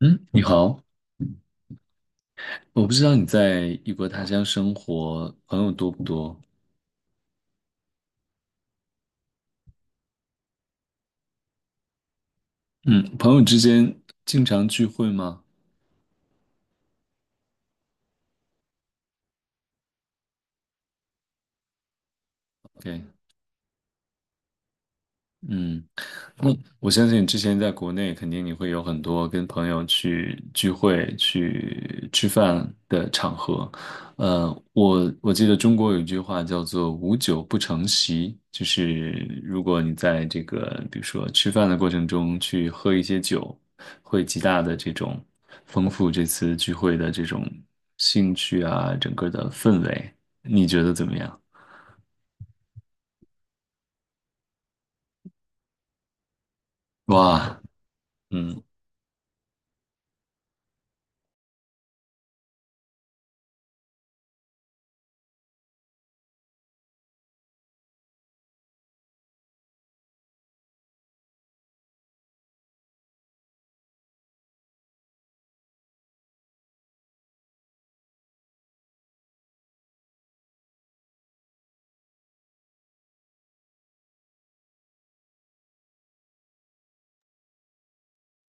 嗯，你好，我不知道你在异国他乡生活，朋友多不多？嗯，朋友之间经常聚会吗？对，嗯。嗯，我相信之前在国内，肯定你会有很多跟朋友去聚会、去吃饭的场合。呃，我记得中国有一句话叫做"无酒不成席"，就是如果你在这个比如说吃饭的过程中去喝一些酒，会极大的这种丰富这次聚会的这种兴趣啊，整个的氛围，你觉得怎么样？哇，嗯。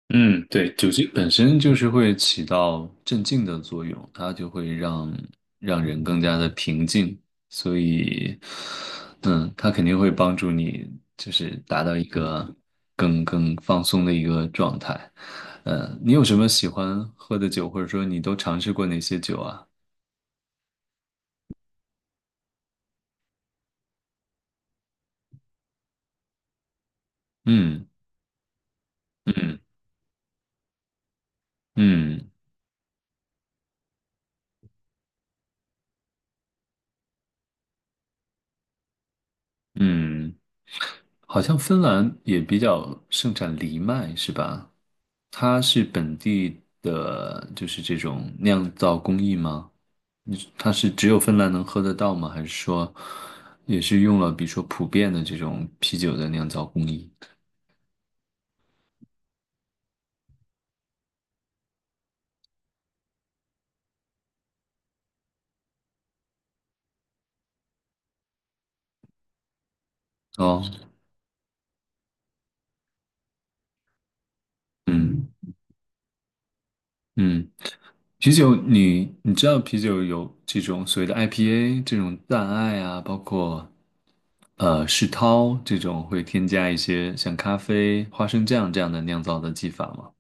嗯，对，酒精本身就是会起到镇静的作用，它就会让人更加的平静，所以，嗯，它肯定会帮助你，就是达到一个更放松的一个状态。你有什么喜欢喝的酒，或者说你都尝试过哪些酒啊？嗯嗯嗯嗯。好像芬兰也比较盛产藜麦，是吧？它是本地的，就是这种酿造工艺吗？你它是只有芬兰能喝得到吗？还是说也是用了比如说普遍的这种啤酒的酿造工艺？哦，嗯嗯。啤酒你知道啤酒有这种所谓的 IPA 这种淡艾啊，包括世涛这种会添加一些像咖啡、花生酱这样的酿造的技法吗？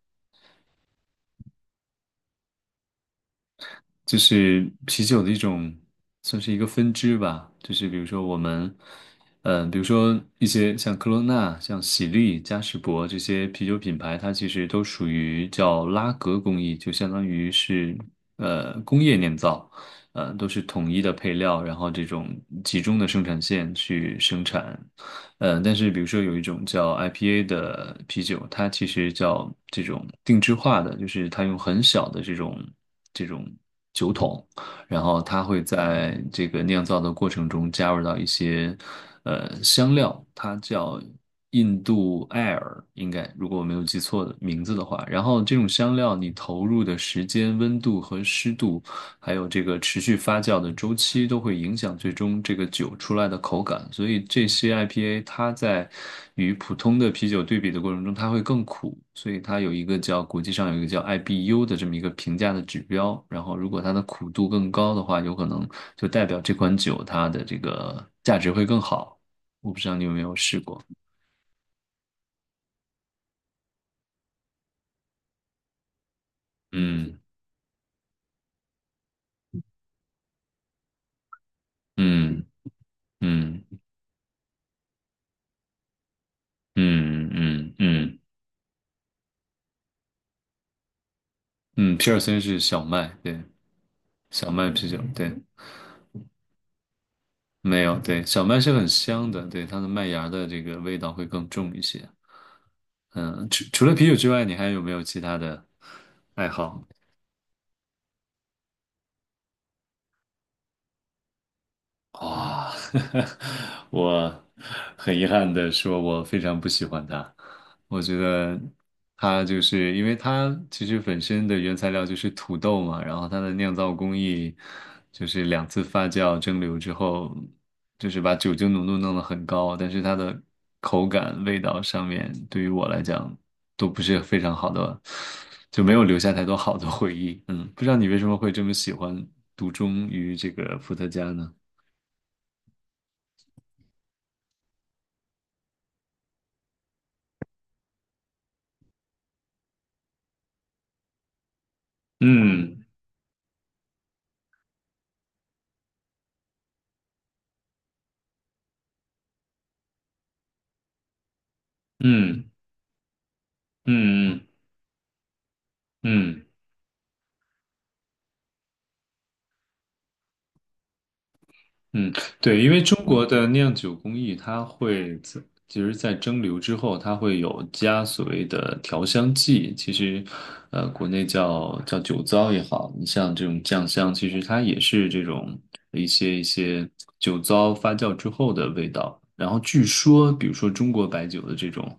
就是啤酒的一种，算是一个分支吧。就是比如说我们，比如说一些像科罗娜、像喜力、嘉士伯这些啤酒品牌，它其实都属于叫拉格工艺，就相当于是工业酿造，都是统一的配料，然后这种集中的生产线去生产，但是比如说有一种叫 IPA 的啤酒，它其实叫这种定制化的，就是它用很小的这种酒桶，然后它会在这个酿造的过程中加入到一些香料，它叫印度艾尔，应该如果我没有记错的名字的话，然后这种香料你投入的时间、温度和湿度还有这个持续发酵的周期都会影响最终这个酒出来的口感，所以这些 IPA 它在与普通的啤酒对比的过程中，它会更苦，所以它有一个叫国际上有一个叫 IBU 的这么一个评价的指标，然后如果它的苦度更高的话，有可能就代表这款酒它的这个价值会更好。我不知道你有没有试过，嗯嗯嗯嗯嗯嗯嗯，嗯皮尔森是小麦，对，小麦啤酒，对。没有，对，小麦是很香的，对，它的麦芽的这个味道会更重一些。嗯，除了啤酒之外，你还有没有其他的爱好？哇，我很遗憾的说，我非常不喜欢它。我觉得它就是因为它其实本身的原材料就是土豆嘛，然后它的酿造工艺就是两次发酵蒸馏之后，就是把酒精浓度弄得很高，但是它的口感、味道上面对于我来讲都不是非常好的，就没有留下太多好的回忆。嗯，不知道你为什么会这么喜欢独钟于这个伏特加呢？嗯嗯嗯嗯嗯，嗯对，因为中国的酿酒工艺，它会在其实，在蒸馏之后，它会有加所谓的调香剂。其实，国内叫酒糟也好，你像这种酱香，其实它也是这种一些酒糟发酵之后的味道。然后据说，比如说中国白酒的这种，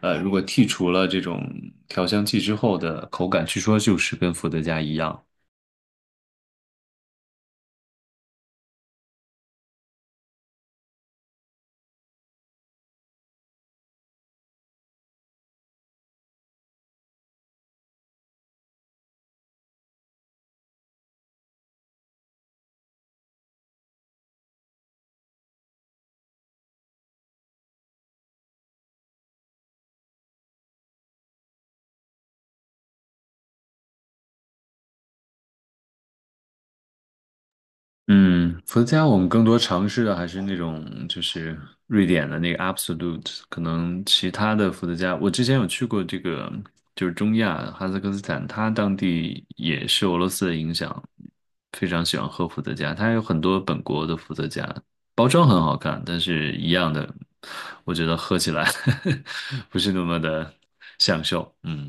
如果剔除了这种调香剂之后的口感，据说就是跟伏特加一样。嗯，伏特加我们更多尝试的还是那种就是瑞典的那个 Absolut，e 可能其他的伏特加，我之前有去过这个就是中亚哈萨克斯坦，它当地也是俄罗斯的影响，非常喜欢喝伏特加，它有很多本国的伏特加，包装很好看，但是一样的，我觉得喝起来 不是那么的享受，嗯。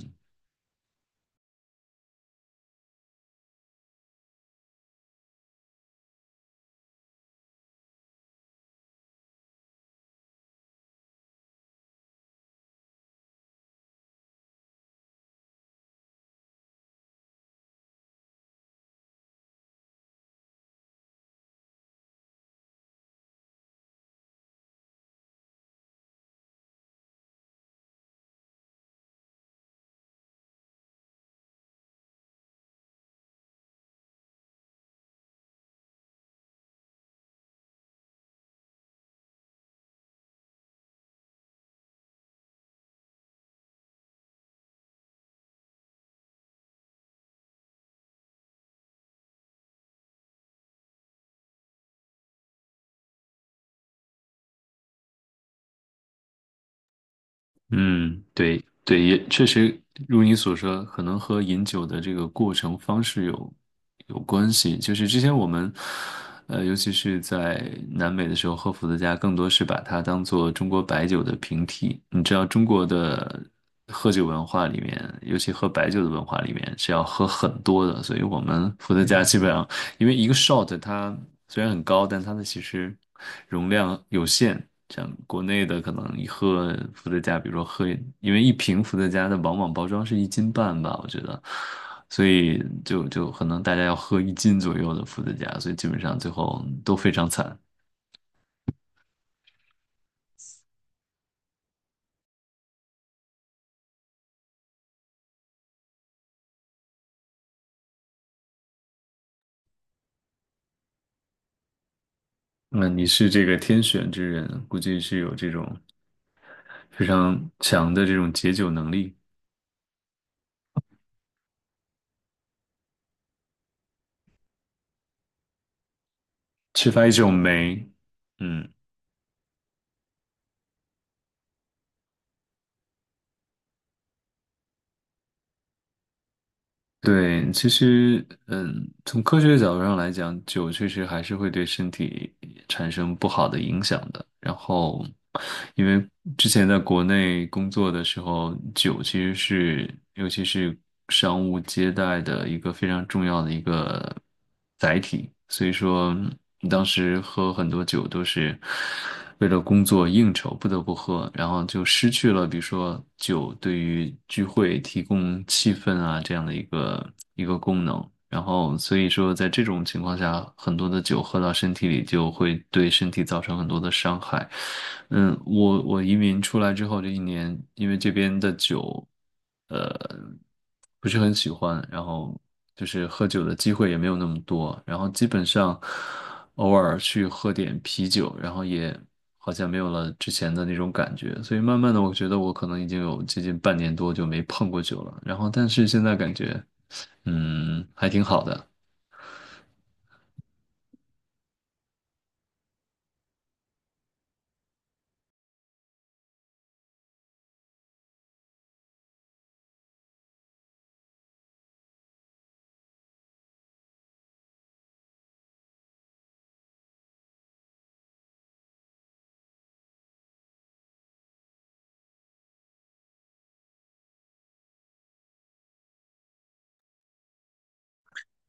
嗯，对对，也确实如你所说，可能和饮酒的这个过程方式有关系。就是之前我们，尤其是在南美的时候，喝伏特加更多是把它当做中国白酒的平替。你知道中国的喝酒文化里面，尤其喝白酒的文化里面是要喝很多的，所以我们伏特加基本上因为一个 shot 它虽然很高，但它的其实容量有限。像国内的可能一盒伏特加，比如说喝，因为一瓶伏特加的往往包装是一斤半吧，我觉得，所以就可能大家要喝一斤左右的伏特加，所以基本上最后都非常惨。那你是这个天选之人，估计是有这种非常强的这种解酒能力，缺乏一种酶，嗯。对，其实，嗯，从科学角度上来讲，酒确实还是会对身体产生不好的影响的。然后，因为之前在国内工作的时候，酒其实是，尤其是商务接待的一个非常重要的一个载体，所以说当时喝很多酒都是为了工作应酬不得不喝，然后就失去了比如说酒对于聚会提供气氛啊这样的一个功能，然后所以说在这种情况下，很多的酒喝到身体里就会对身体造成很多的伤害。嗯，我移民出来之后这一年，因为这边的酒。嗯，不是很喜欢，然后就是喝酒的机会也没有那么多，然后基本上偶尔去喝点啤酒，然后也好像没有了之前的那种感觉，所以慢慢的我觉得我可能已经有接近半年多就没碰过酒了，然后但是现在感觉嗯还挺好的，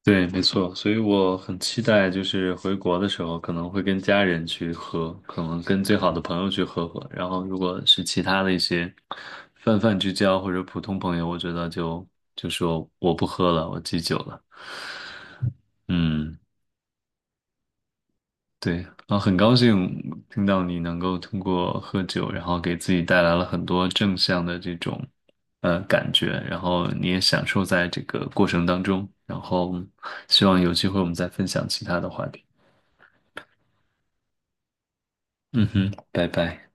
对，没错，所以我很期待，就是回国的时候可能会跟家人去喝，可能跟最好的朋友去喝喝，然后如果是其他的一些泛泛之交或者普通朋友，我觉得就说我不喝了，我戒酒了。嗯，对，然后很高兴听到你能够通过喝酒，然后给自己带来了很多正向的这种感觉，然后你也享受在这个过程当中，然后希望有机会我们再分享其他的话题。嗯哼，拜拜。